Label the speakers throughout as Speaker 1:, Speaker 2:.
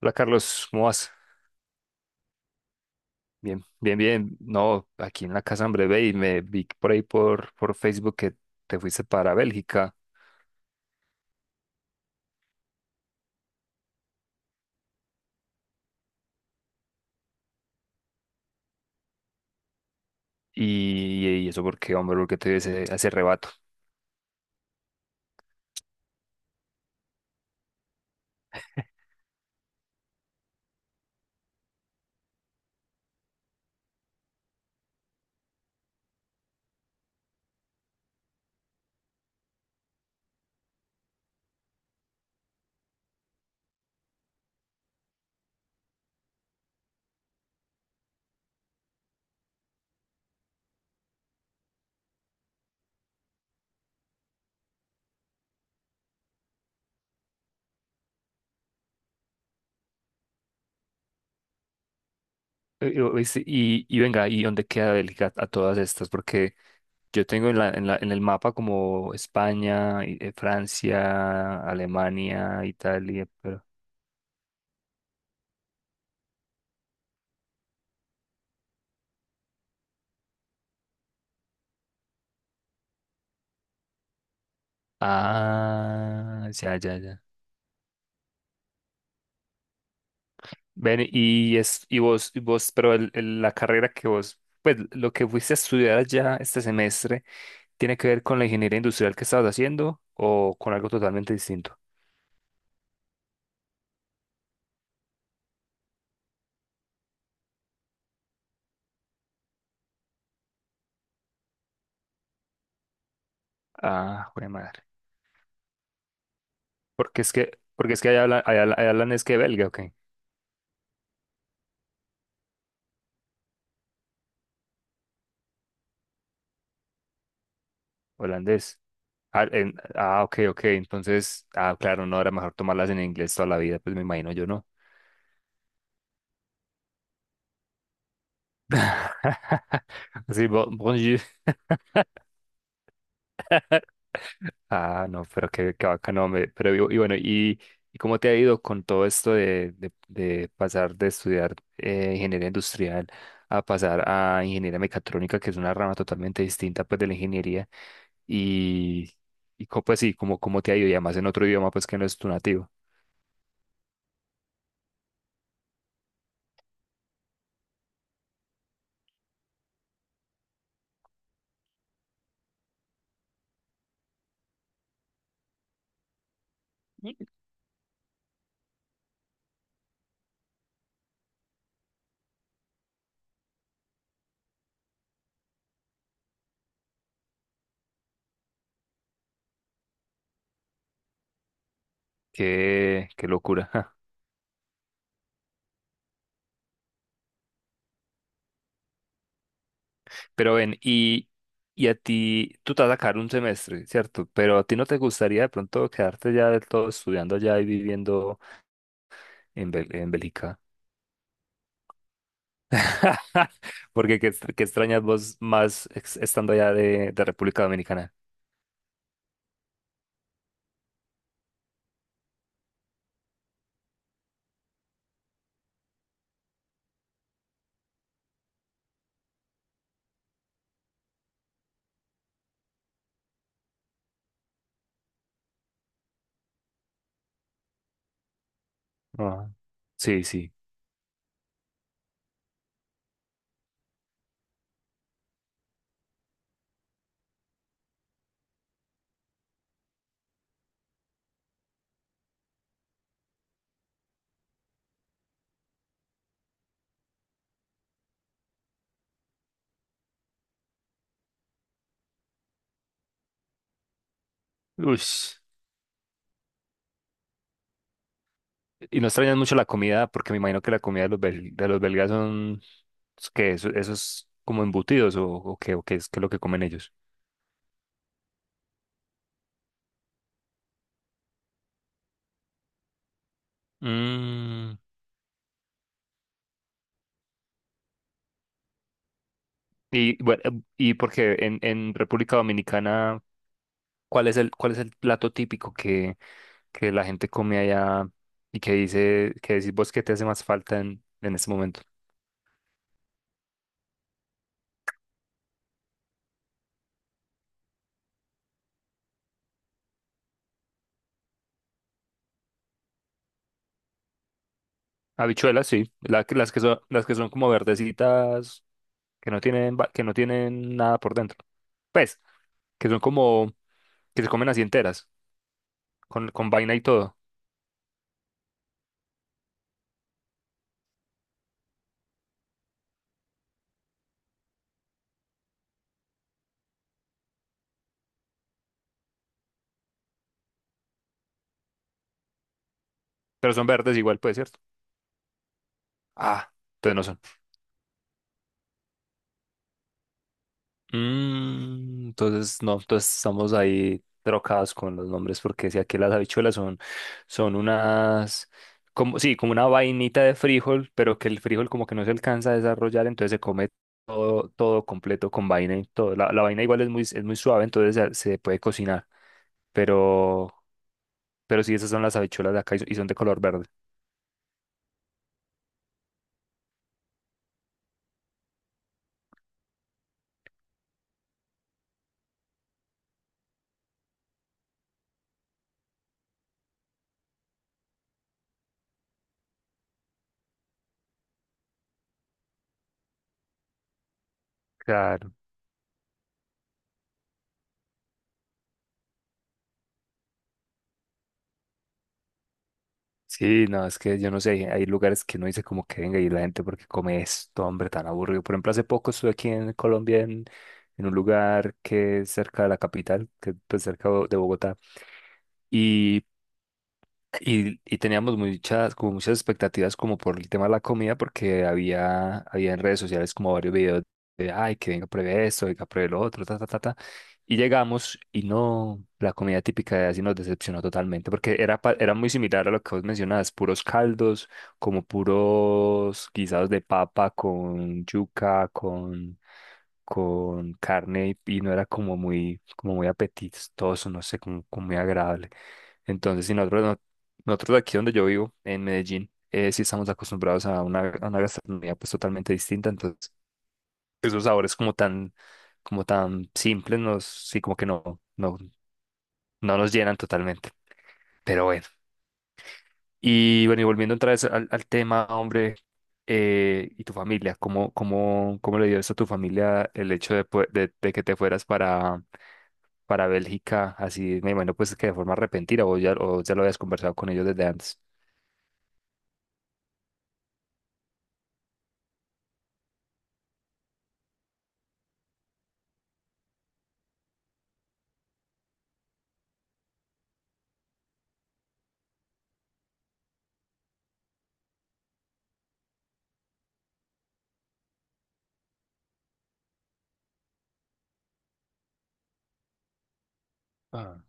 Speaker 1: Hola Carlos, ¿cómo vas? Bien, bien, bien. No, aquí en la casa, hombre, ve y me vi por ahí por Facebook que te fuiste para Bélgica. Y eso porque, hombre, porque te dio ese rebato. Oíste, y venga, ¿y dónde queda Bélgica a todas estas? Porque yo tengo en el mapa como España, Francia, Alemania, Italia, pero. Ah, ya, ya, ya. Ven, y vos, pero la carrera que vos, pues lo que fuiste a estudiar allá este semestre, ¿tiene que ver con la ingeniería industrial que estabas haciendo o con algo totalmente distinto? Ah, jue madre. Porque es que allá hablan, allá hablan es que belga, ok, holandés. Ah, ok, ok, entonces, ah, claro, no, era mejor tomarlas en inglés toda la vida, pues me imagino yo no. Así, bonjour. Ah, no, pero qué bacano, hombre. Pero y bueno, ¿y cómo te ha ido con todo esto de pasar de estudiar ingeniería industrial a pasar a ingeniería mecatrónica, que es una rama totalmente distinta pues de la ingeniería? Y, pues sí, cómo te ha ido? Y además en otro idioma pues que no es tu nativo. Qué locura. Ja. Pero ven, y a ti, tú te vas a sacar un semestre, ¿cierto? Pero a ti no te gustaría de pronto quedarte ya del todo estudiando allá y viviendo en Bélgica. Porque qué extrañas vos más estando allá de República Dominicana. Ah, sí, sí. Ush. ¿Y no extrañas mucho la comida? Porque me imagino que la comida de los belgas son, que eso es como embutidos o qué es lo que comen ellos. Mm. Y bueno, y porque en República Dominicana, ¿cuál es el plato típico que la gente come allá y que dice, que decís vos que te hace más falta en este momento? Habichuelas, sí. La las que son como verdecitas, que no tienen, que no tienen nada por dentro. Pues, que son como, que se comen así enteras, con vaina y todo. Pero son verdes igual, pues, ¿cierto? Ah, entonces no son. Mm, entonces, no, entonces estamos ahí trocados con los nombres, porque si aquí las habichuelas son unas, como, sí, como una vainita de frijol, pero que el frijol como que no se alcanza a desarrollar, entonces se come todo, todo completo con vaina y todo. La vaina igual es muy suave, entonces se puede cocinar, pero, pero sí, esas son las habichuelas de acá y son de color verde. Claro. Sí, no, es que yo no sé, hay lugares que no dice como que venga y la gente porque come esto, hombre, tan aburrido. Por ejemplo, hace poco estuve aquí en Colombia en un lugar que es cerca de la capital, que es pues, cerca de Bogotá, y y teníamos muchas, como muchas expectativas como por el tema de la comida, porque había en redes sociales como varios videos de, ay, que venga, pruebe esto, venga, pruebe lo otro, ta, ta, ta, ta. Y llegamos y no, la comida típica de así nos decepcionó totalmente, porque era muy similar a lo que vos mencionabas, puros caldos, como puros guisados de papa con yuca, con carne, y no era como muy apetitoso, no sé, como muy agradable. Entonces, si nosotros no nosotros aquí donde yo vivo, en Medellín, sí estamos acostumbrados a una gastronomía pues totalmente distinta, entonces esos sabores como tan simples nos, sí como que no nos llenan totalmente, pero bueno. Y bueno, y volviendo otra vez al tema, hombre, y tu familia, ¿cómo le dio eso a tu familia el hecho de que te fueras para Bélgica, así, me imagino pues que de forma repentina, o ya lo habías conversado con ellos desde antes? Ah.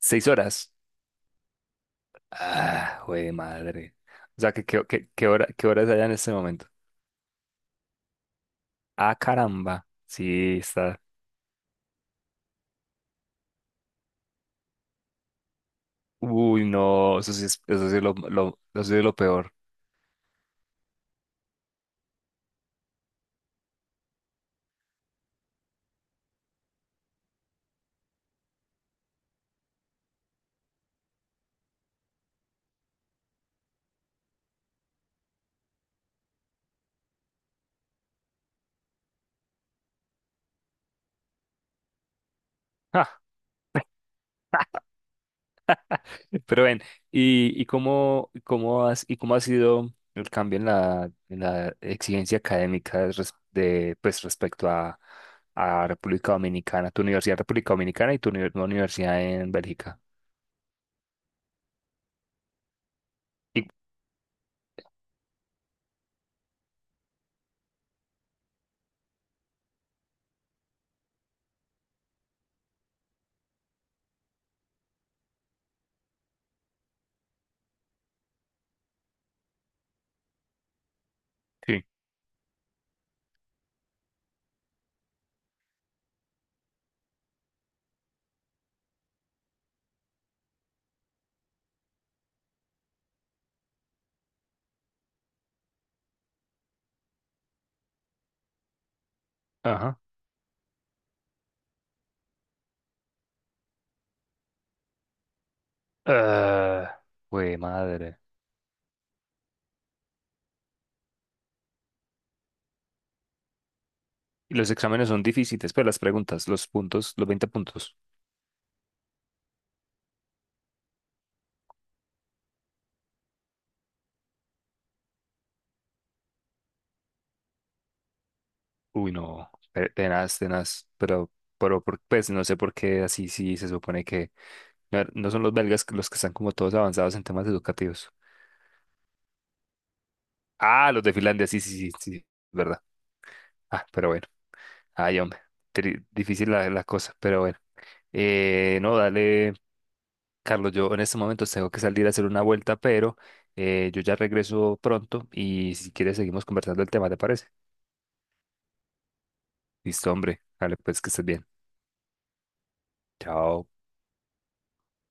Speaker 1: 6 horas. Ah, güey, madre. O sea, qué horas allá en este momento? Ah, caramba. Sí, está. Uy, no, eso sí es lo peor. Ah, pero ven, y cómo, cómo has, y cómo ha sido el cambio en la exigencia académica de, pues, respecto a República Dominicana, tu universidad en República Dominicana y tu nueva universidad en Bélgica? Y- Sí. Ajá. Ah, güey, madre. Y los exámenes son difíciles, pero las preguntas, los puntos, los 20 puntos. Uy, no, tenaz, tenaz, pues no sé por qué así sí se supone que no son los belgas los que están como todos avanzados en temas educativos. Ah, los de Finlandia, sí, sí, sí, sí, verdad. Ah, pero bueno, ay, hombre, difícil la cosa, pero bueno. No, dale, Carlos, yo en este momento tengo que salir a hacer una vuelta, pero yo ya regreso pronto y si quieres seguimos conversando el tema, ¿te parece? Listo, hombre. Dale, pues que estés bien. Chao.